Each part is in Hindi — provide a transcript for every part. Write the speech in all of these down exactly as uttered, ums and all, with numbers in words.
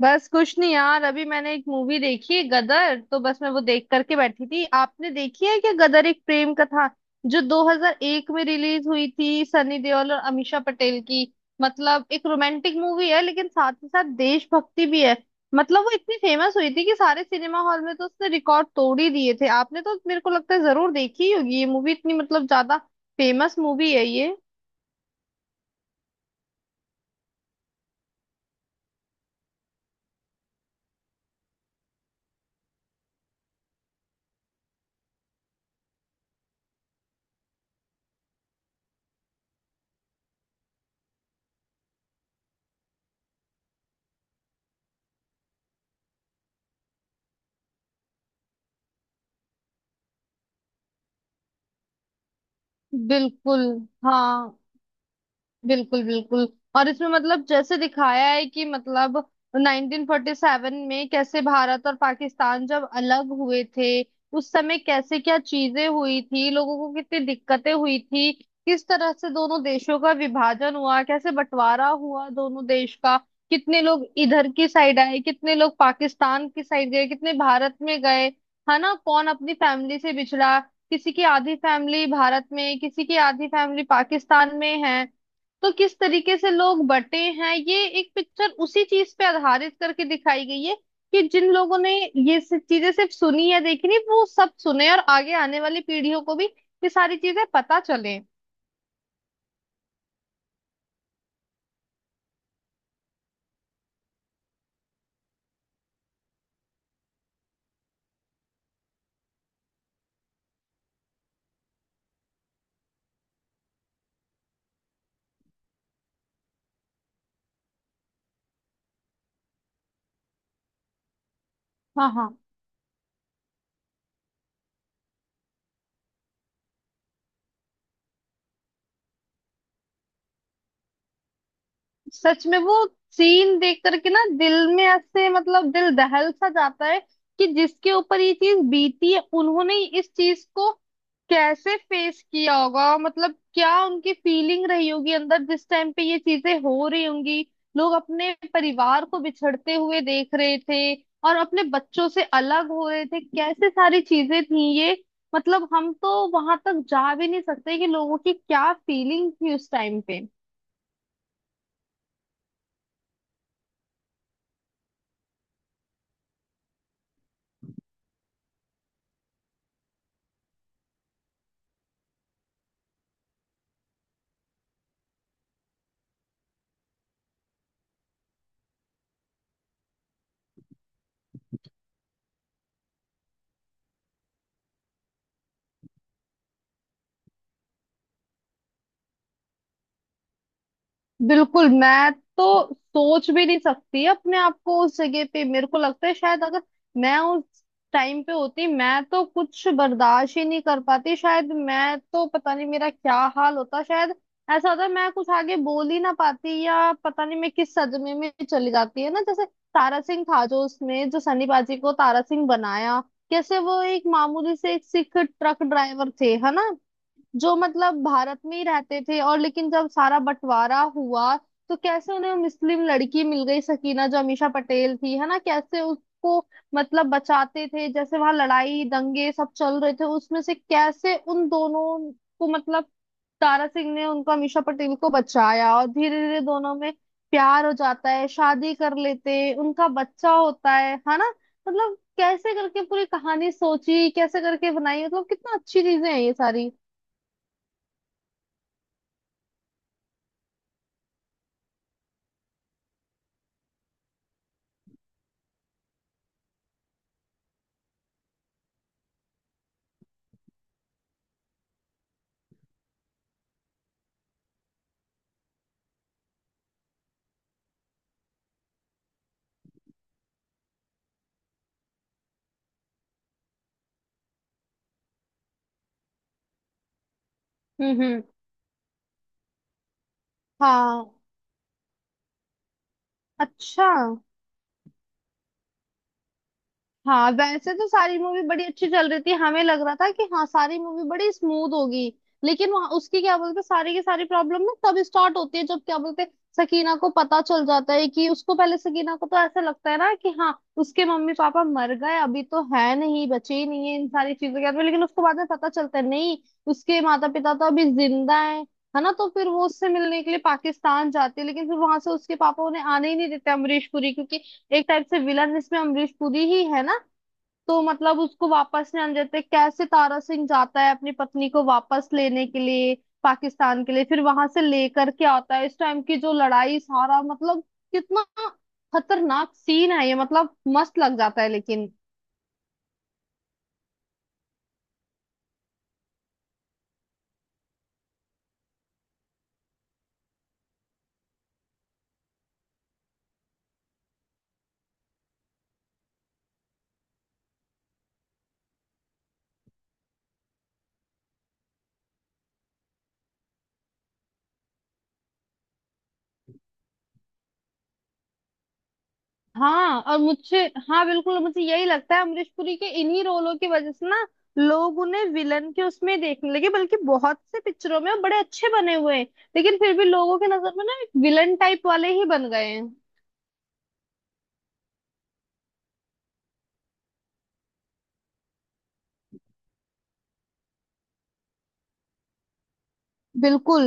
बस कुछ नहीं यार। अभी मैंने एक मूवी देखी गदर, तो बस मैं वो देख करके बैठी थी। आपने देखी है क्या गदर एक प्रेम कथा, जो दो हज़ार एक में रिलीज हुई थी, सनी देओल और अमीषा पटेल की। मतलब एक रोमांटिक मूवी है, लेकिन साथ ही साथ देशभक्ति भी है। मतलब वो इतनी फेमस हुई थी कि सारे सिनेमा हॉल में तो उसने रिकॉर्ड तोड़ ही दिए थे। आपने तो मेरे को लगता है जरूर देखी ही होगी ये मूवी, इतनी मतलब ज्यादा फेमस मूवी है ये। बिल्कुल। हाँ। बिल्कुल बिल्कुल। और इसमें मतलब जैसे दिखाया है कि मतलब नाइनटीन फ़ोर्टी सेवन में कैसे भारत और पाकिस्तान जब अलग हुए थे, उस समय कैसे क्या चीजें हुई थी, लोगों को कितनी दिक्कतें हुई थी, किस तरह से दोनों देशों का विभाजन हुआ, कैसे बंटवारा हुआ दोनों देश का, कितने लोग इधर की साइड आए, कितने लोग पाकिस्तान की साइड गए, कितने भारत में गए, है ना। कौन अपनी फैमिली से बिछड़ा, किसी की आधी फैमिली भारत में, किसी की आधी फैमिली पाकिस्तान में है। तो किस तरीके से लोग बटे हैं, ये एक पिक्चर उसी चीज पे आधारित करके दिखाई गई है। कि जिन लोगों ने ये सब चीजें सिर्फ सुनी या देखी नहीं, वो सब सुने और आगे आने वाली पीढ़ियों को भी ये सारी चीजें पता चले। हाँ हाँ। सच में वो सीन देख करके ना दिल में ऐसे मतलब दिल दहल सा जाता है कि जिसके ऊपर ये चीज बीती है, उन्होंने इस चीज को कैसे फेस किया होगा, मतलब क्या उनकी फीलिंग रही होगी अंदर जिस टाइम पे ये चीजें हो रही होंगी। लोग अपने परिवार को बिछड़ते हुए देख रहे थे और अपने बच्चों से अलग हो रहे थे, कैसे सारी चीजें थी ये। मतलब हम तो वहां तक जा भी नहीं सकते कि लोगों की क्या फीलिंग थी उस टाइम पे। बिल्कुल, मैं तो सोच भी नहीं सकती अपने आप को उस जगह पे। मेरे को लगता है शायद अगर मैं उस टाइम पे होती, मैं तो कुछ बर्दाश्त ही नहीं कर पाती शायद। मैं तो पता नहीं मेरा क्या हाल होता, शायद ऐसा होता मैं कुछ आगे बोल ही ना पाती, या पता नहीं मैं किस सदमे में चली जाती। है ना, जैसे तारा सिंह था जो उसमें, जो सनी पाजी को तारा सिंह बनाया, कैसे वो एक मामूली से एक सिख ट्रक ड्राइवर थे, है ना। जो मतलब भारत में ही रहते थे, और लेकिन जब सारा बंटवारा हुआ तो कैसे उन्हें मुस्लिम लड़की मिल गई सकीना, जो अमीषा पटेल थी, है ना। कैसे उसको मतलब बचाते थे, जैसे वहां लड़ाई दंगे सब चल रहे थे, उसमें से कैसे उन दोनों को मतलब तारा सिंह ने उनको अमीषा पटेल को बचाया, और धीरे धीरे दोनों में प्यार हो जाता है, शादी कर लेते हैं, उनका बच्चा होता है है ना। मतलब कैसे करके पूरी कहानी सोची, कैसे करके बनाई, मतलब कितना अच्छी चीजें हैं ये सारी। हम्म हम्म। हाँ। अच्छा। हाँ, वैसे तो सारी मूवी बड़ी अच्छी चल रही थी, हमें लग रहा था कि हाँ सारी मूवी बड़ी स्मूथ होगी, लेकिन वहाँ उसकी क्या बोलते सारी की सारी प्रॉब्लम ना तब स्टार्ट होती है जब क्या बोलते सकीना को पता चल जाता है कि उसको, पहले सकीना को तो ऐसा लगता है ना कि हाँ उसके मम्मी पापा मर गए, अभी तो है नहीं, बचे ही नहीं है इन सारी चीजों के हाथ में। लेकिन उसको बाद में पता चलता है, नहीं, उसके माता पिता तो अभी जिंदा है है ना। तो फिर वो उससे मिलने के लिए पाकिस्तान जाती है, लेकिन फिर वहां से उसके पापा उन्हें आने ही नहीं देते अमरीश पुरी, क्योंकि एक टाइप से विलन इसमें अमरीश पुरी ही है ना। तो मतलब उसको वापस नहीं आने देते, कैसे तारा सिंह जाता है अपनी पत्नी को वापस लेने के लिए पाकिस्तान के लिए, फिर वहां से लेकर के आता है। इस टाइम की जो लड़ाई, सारा मतलब कितना खतरनाक सीन है ये, मतलब मस्त लग जाता है। लेकिन हाँ, और मुझे हाँ बिल्कुल, मुझे यही लगता है अमरीश पुरी के इन्हीं रोलों की वजह से ना लोग उन्हें विलन के उसमें देखने लगे। बल्कि बहुत से पिक्चरों में वो बड़े अच्छे बने हुए हैं, लेकिन फिर भी लोगों के नजर में ना एक विलन टाइप वाले ही बन गए हैं। बिल्कुल।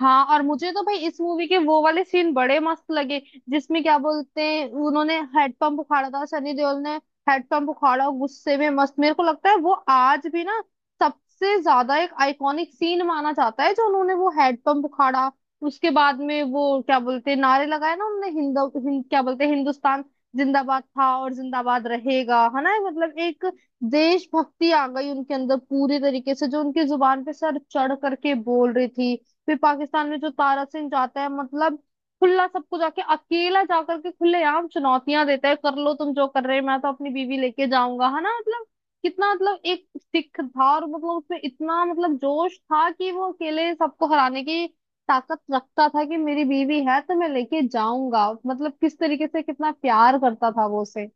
हाँ और मुझे तो भाई इस मूवी के वो वाले सीन बड़े मस्त लगे, जिसमें क्या बोलते हैं उन्होंने हेडपम्प उखाड़ा था सनी देओल ने। हेडपम्प उखाड़ा गुस्से में, मस्त। मेरे को लगता है वो आज भी ना सबसे ज्यादा एक आइकॉनिक सीन माना जाता है, जो उन्होंने वो हेडपम्प उखाड़ा। उसके बाद में वो क्या बोलते हैं, नारे लगाए ना उन्होंने, हिंद, हिंद क्या बोलते हैं, हिंदुस्तान जिंदाबाद था और जिंदाबाद रहेगा, है ना। मतलब एक देशभक्ति आ गई उनके अंदर पूरी तरीके से, जो उनकी जुबान पे सर चढ़ करके बोल रही थी। फिर पाकिस्तान में जो तारा सिंह जाता है, मतलब खुला सबको जाके, अकेला जाकर के खुलेआम चुनौतियां देता है, कर लो तुम जो कर रहे हो, मैं तो अपनी बीवी लेके जाऊंगा, है ना। मतलब कितना मतलब एक सिख था, और मतलब उसमें इतना मतलब जोश था कि वो अकेले सबको हराने की ताकत रखता था कि मेरी बीवी है तो मैं लेके जाऊंगा। मतलब किस तरीके से कितना प्यार करता था वो उसे।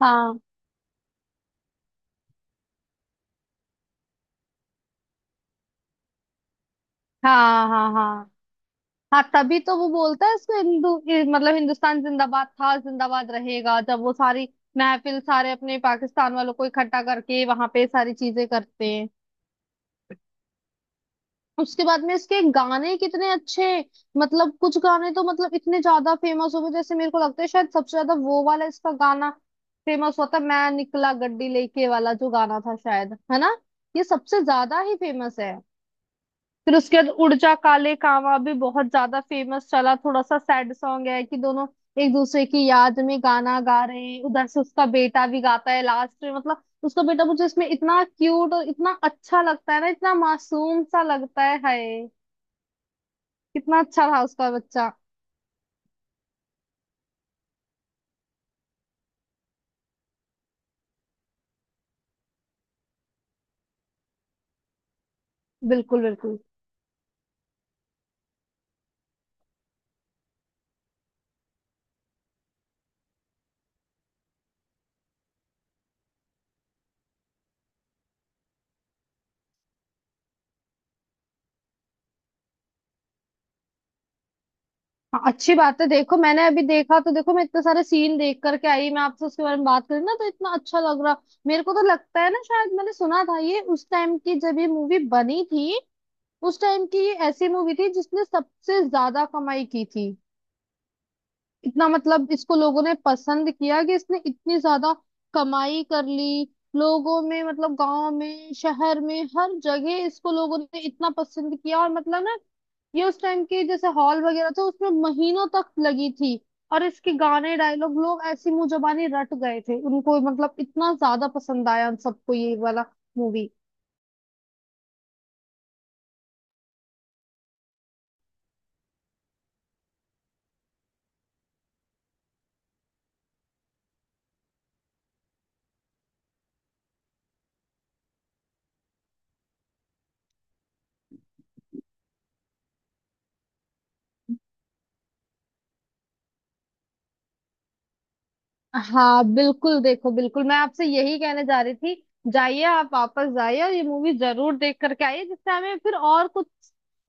हाँ हाँ हाँ। हाँ, हाँ तभी तो वो बोलता है इसको, हिंदू ये मतलब हिंदुस्तान जिंदाबाद था जिंदाबाद रहेगा, जब वो सारी महफिल सारे अपने पाकिस्तान वालों को इकट्ठा करके वहां पे सारी चीजें करते हैं। उसके बाद में इसके गाने कितने अच्छे, मतलब कुछ गाने तो मतलब इतने ज्यादा फेमस हो गए, जैसे मेरे को लगता है शायद सबसे ज्यादा वो वाला इसका गाना फेमस होता है, मैं निकला गड्डी लेके वाला जो गाना था, शायद है ना ये सबसे ज्यादा ही फेमस है। फिर उसके बाद उड़ जा काले कावां भी बहुत ज्यादा फेमस चला, थोड़ा सा सैड सॉन्ग है कि दोनों एक दूसरे की याद में गाना गा रहे हैं, उधर से उसका बेटा भी गाता है लास्ट में। मतलब उसका बेटा मुझे इसमें इतना क्यूट और इतना अच्छा लगता है ना, इतना मासूम सा लगता है, हाय कितना अच्छा था उसका बच्चा। बिल्कुल बिल्कुल। हाँ अच्छी बात है। देखो मैंने अभी देखा, तो देखो मैं इतने सारे सीन देख करके आई, मैं आपसे उसके बारे में बात करी ना तो इतना अच्छा लग रहा। मेरे को तो लगता है ना शायद मैंने सुना था ये उस टाइम की, जब ये मूवी बनी थी उस टाइम की ये ऐसी मूवी थी जिसने सबसे ज्यादा कमाई की थी। इतना मतलब इसको लोगों ने पसंद किया कि इसने इतनी ज्यादा कमाई कर ली। लोगों में मतलब गांव में शहर में हर जगह इसको लोगों ने इतना पसंद किया, और मतलब ना ये उस टाइम के जैसे हॉल वगैरह थे उसमें महीनों तक लगी थी। और इसके गाने डायलॉग लोग ऐसी मुंह जबानी रट गए थे उनको, मतलब इतना ज्यादा पसंद आया उन सबको ये वाला मूवी। हाँ बिल्कुल देखो, बिल्कुल मैं आपसे यही कहने जा रही थी, जाइए आप वापस जाइए और ये मूवी जरूर देख करके आइए, जिससे हमें फिर और कुछ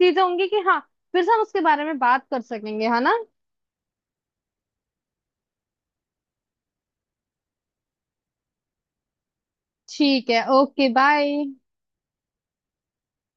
चीजें होंगी कि हाँ फिर से हम उसके बारे में बात कर सकेंगे, है ना। ठीक है, ओके बाय।